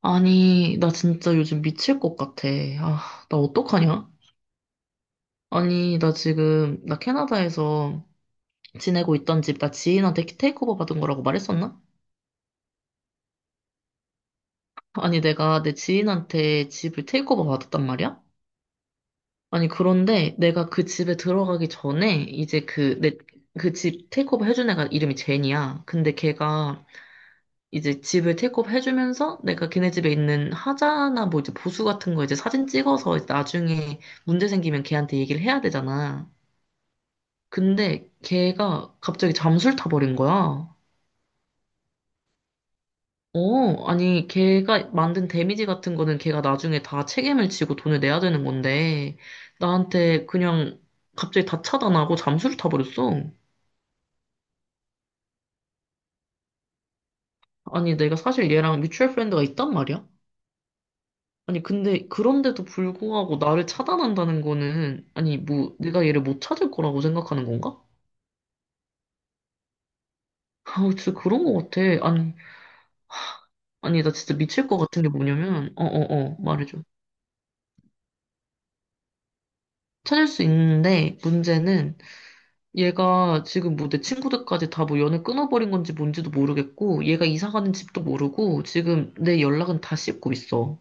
아니, 나 진짜 요즘 미칠 것 같아. 아, 나 어떡하냐? 아니, 나 캐나다에서 지내고 있던 집, 나 지인한테 테이크오버 받은 거라고 말했었나? 아니, 내가 내 지인한테 집을 테이크오버 받았단 말이야? 아니, 그런데 내가 그 집에 들어가기 전에, 그 집 테이크오버 해준 애가 이름이 제니야. 근데 걔가 이제 집을 테이크업 해주면서 내가 걔네 집에 있는 하자나 뭐 이제 보수 같은 거 이제 사진 찍어서 이제 나중에 문제 생기면 걔한테 얘기를 해야 되잖아. 근데 걔가 갑자기 잠수를 타버린 거야. 어, 아니, 걔가 만든 데미지 같은 거는 걔가 나중에 다 책임을 지고 돈을 내야 되는 건데, 나한테 그냥 갑자기 다 차단하고 잠수를 타버렸어. 아니, 내가 사실 얘랑 뮤추얼 프렌드가 있단 말이야? 아니, 근데 그런데도 불구하고 나를 차단한다는 거는, 아니, 뭐, 내가 얘를 못 찾을 거라고 생각하는 건가? 아, 진짜 그런 거 같아. 아니, 아니, 나 진짜 미칠 것 같은 게 뭐냐면, 말해줘. 찾을 수 있는데, 문제는 얘가 지금 뭐 내 친구들까지 다 뭐 연을 끊어버린 건지 뭔지도 모르겠고, 얘가 이사 가는 집도 모르고, 지금 내 연락은 다 씹고 있어.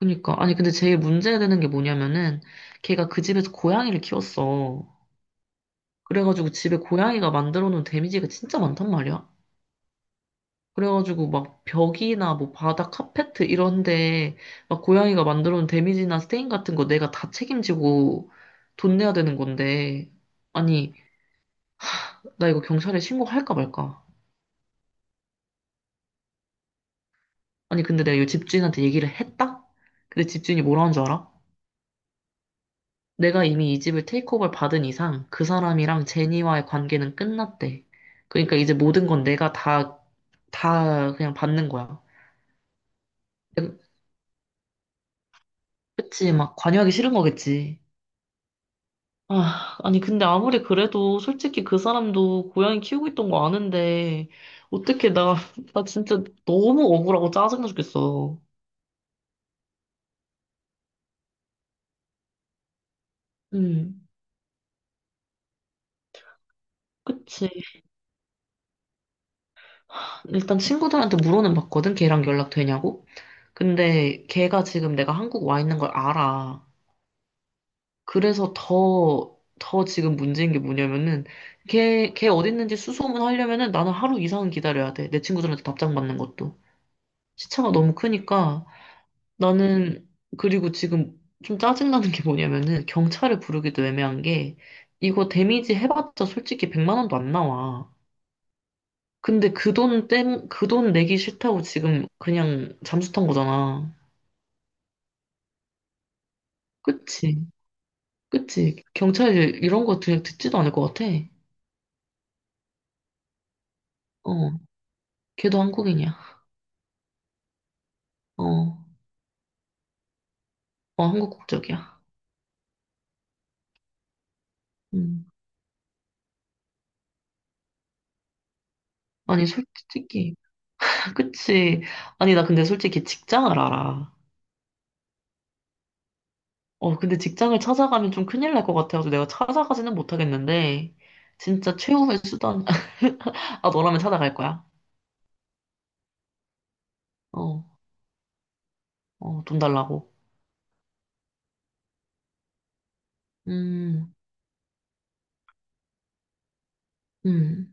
그러니까, 아니, 근데 제일 문제되는 게 뭐냐면은, 걔가 그 집에서 고양이를 키웠어. 그래가지고 집에 고양이가 만들어 놓은 데미지가 진짜 많단 말이야. 그래가지고 막 벽이나 뭐 바닥, 카페트 이런데 막 고양이가 만들어 놓은 데미지나 스테인 같은 거 내가 다 책임지고 돈 내야 되는 건데. 아니, 나 이거 경찰에 신고할까 말까? 아니, 근데 내가 이 집주인한테 얘기를 했다? 근데 집주인이 뭐라는 줄 알아? 내가 이미 이 집을 테이크오버를 받은 이상 그 사람이랑 제니와의 관계는 끝났대. 그러니까 이제 모든 건 내가 다, 다 그냥 받는 거야. 그치, 막 관여하기 싫은 거겠지. 아, 아니, 근데 아무리 그래도 솔직히 그 사람도 고양이 키우고 있던 거 아는데, 어떻게 나, 나 진짜 너무 억울하고 짜증나 죽겠어. 음. 그치. 일단 친구들한테 물어는 봤거든, 걔랑 연락되냐고? 근데 걔가 지금 내가 한국 와 있는 걸 알아. 그래서 더 지금 문제인 게 뭐냐면은, 걔 어디 있는지 수소문 하려면은 나는 하루 이상은 기다려야 돼. 내 친구들한테 답장 받는 것도. 시차가 너무 크니까. 나는 그리고 지금 좀 짜증나는 게 뭐냐면은 경찰을 부르기도 애매한 게 이거 데미지 해봤자 솔직히 100만 원도 안 나와. 근데 그 돈 내기 싫다고 지금 그냥 잠수 탄 거잖아. 그치? 그치? 경찰 이런 거 그냥 듣지도 않을 것 같아. 어, 걔도 한국인이야. 어, 어, 한국 국적이야. 음. 아니, 솔직히. 그치? 아니, 나 근데 솔직히 직장을 알아. 어, 근데 직장을 찾아가면 좀 큰일 날 것 같아서 내가 찾아가지는 못하겠는데, 진짜 최후의 수단, 아, 너라면 찾아갈 거야. 어, 어, 돈 달라고. 음, 음,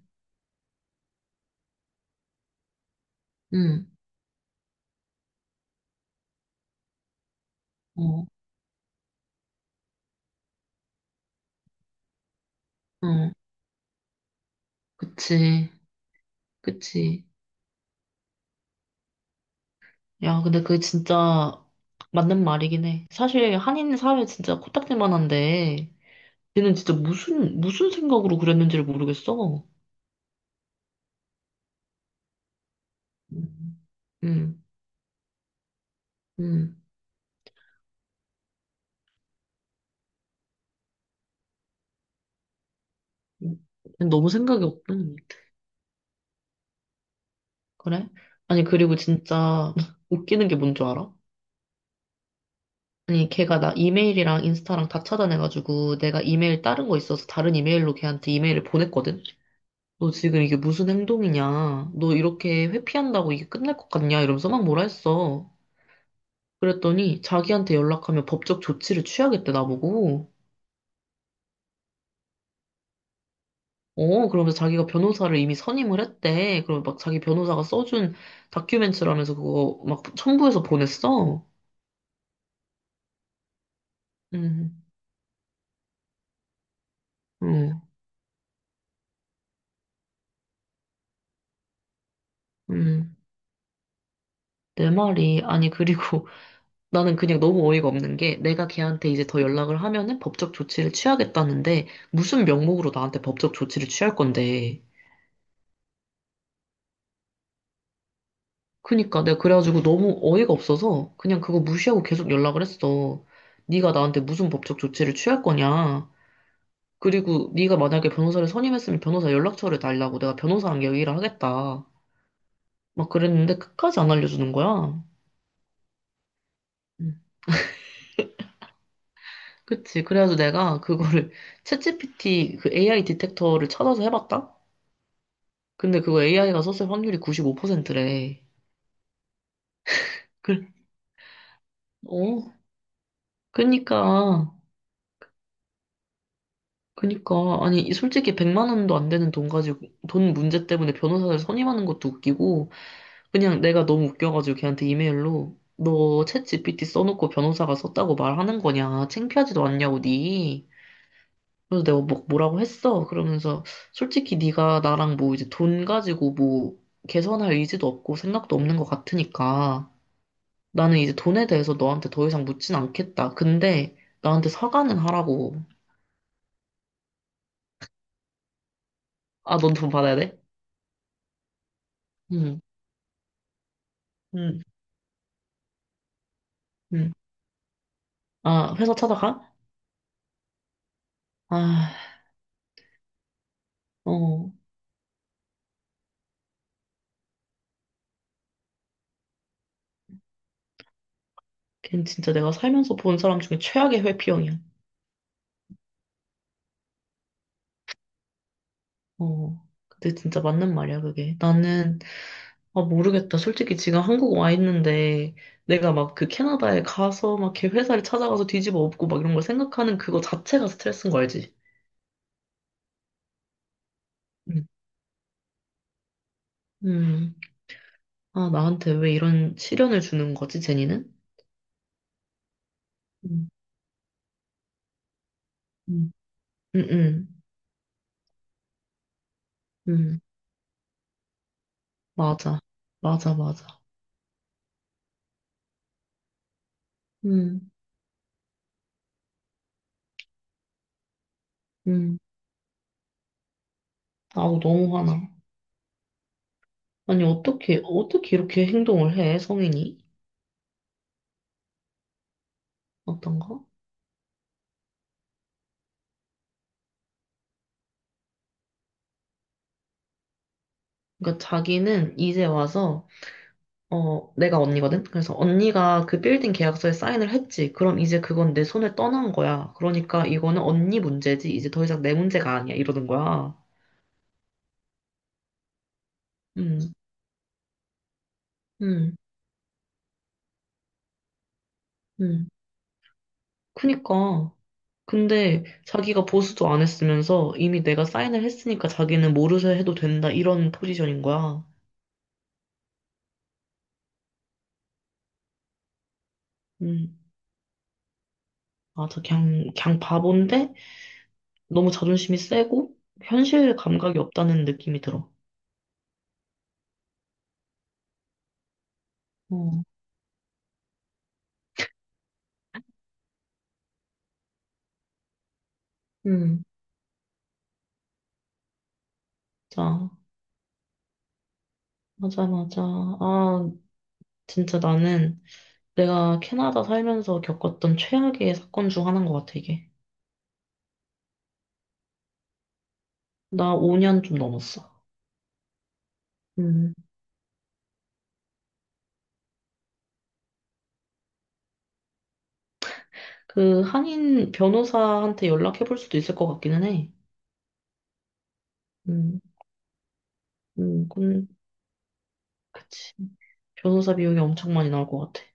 음, 어, 음, 그치, 그치. 야, 근데 그게 진짜 맞는 말이긴 해. 사실 한인 사회 진짜 코딱지만한데, 걔는 진짜 무슨 생각으로 그랬는지를 모르겠어. 음, 음, 음. 너무 생각이 없다. 그래? 아니, 그리고 진짜 웃기는 게 뭔 줄 알아? 아니, 걔가 나 이메일이랑 인스타랑 다 차단해가지고 내가 이메일 다른 거 있어서 다른 이메일로 걔한테 이메일을 보냈거든? 너 지금 이게 무슨 행동이냐? 너 이렇게 회피한다고 이게 끝날 것 같냐? 이러면서 막 뭐라 했어. 그랬더니 자기한테 연락하면 법적 조치를 취하겠대, 나보고. 어, 그러면서 자기가 변호사를 이미 선임을 했대. 그럼 막 자기 변호사가 써준 다큐멘터라면서 그거 막 첨부해서 보냈어. 응, 응, 응. 내 말이, 아니, 그리고 나는 그냥 너무 어이가 없는 게 내가 걔한테 이제 더 연락을 하면은 법적 조치를 취하겠다는데 무슨 명목으로 나한테 법적 조치를 취할 건데. 그니까 내가 그래가지고 너무 어이가 없어서 그냥 그거 무시하고 계속 연락을 했어. 네가 나한테 무슨 법적 조치를 취할 거냐. 그리고 네가 만약에 변호사를 선임했으면 변호사 연락처를 달라고 내가 변호사랑 얘기를 하겠다. 막 그랬는데 끝까지 안 알려주는 거야. 음. 그치. 그래가지고 내가 그거를 챗GPT 그 AI 디텍터를 찾아서 해봤다? 근데 그거 AI가 썼을 확률이 95%래. 그, 어. 그니까, 그니까. 아니, 이 솔직히 100만 원도 안 되는 돈 가지고, 돈 문제 때문에 변호사를 선임하는 것도 웃기고, 그냥 내가 너무 웃겨가지고 걔한테 이메일로, 너 챗GPT 써놓고 변호사가 썼다고 말하는 거냐? 창피하지도 않냐고, 니. 그래서 내가 뭐라고 했어? 그러면서 솔직히 네가 나랑 뭐 이제 돈 가지고 뭐 개선할 의지도 없고 생각도 없는 것 같으니까 나는 이제 돈에 대해서 너한테 더 이상 묻진 않겠다. 근데 나한테 사과는 하라고. 아, 넌 돈 받아야 돼? 응, 응, 응. 아, 회사 찾아가? 아, 어. 걘 진짜 내가 살면서 본 사람 중에 최악의 회피형이야. 어. 근데 진짜 맞는 말이야, 그게. 나는 아, 모르겠다. 솔직히 지금 한국 와 있는데, 내가 막 그 캐나다에 가서 막 걔 회사를 찾아가서 뒤집어 엎고 막 이런 걸 생각하는 그거 자체가 스트레스인 거 알지? 음. 음. 아, 나한테 왜 이런 시련을 주는 거지, 제니는? 음. 음. 음. 음. 음. 맞아. 맞아, 맞아. 음. 음. 아우, 너무 화나. 아니, 어떻게, 어떻게 이렇게 행동을 해, 성인이? 어떤가? 그러니까 자기는 이제 와서 어, 내가 언니거든? 그래서 언니가 그 빌딩 계약서에 사인을 했지. 그럼 이제 그건 내 손에 떠난 거야. 그러니까 이거는 언니 문제지. 이제 더 이상 내 문제가 아니야. 이러는 거야. 음, 음, 음. 그니까. 근데 자기가 보수도 안 했으면서 이미 내가 사인을 했으니까 자기는 모르쇠 해도 된다. 이런 포지션인 거야. 음. 아, 저 그냥, 그냥 바본데 너무 자존심이 세고 현실 감각이 없다는 느낌이 들어. 어, 음. 자. 맞아, 맞아. 아, 진짜 나는 내가 캐나다 살면서 겪었던 최악의 사건 중 하나인 것 같아, 이게. 나 5년 좀 넘었어. 음, 그 한인 변호사한테 연락해 볼 수도 있을 것 같기는 해. 음, 그, 그치. 변호사 비용이 엄청 많이 나올 것 같아.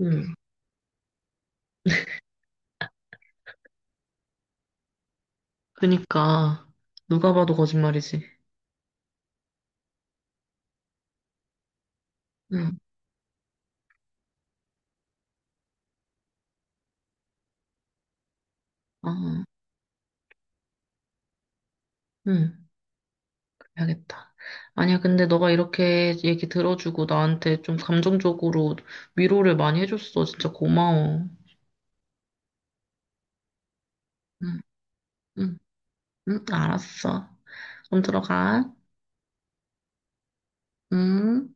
음, 그니까 누가 봐도 거짓말이지. 음, 아, 음, 그래야겠다. 아니야, 근데 너가 이렇게 얘기 들어주고 나한테 좀 감정적으로 위로를 많이 해줬어. 진짜 고마워. 응, 응. 응, 알았어. 그럼 들어가. 응.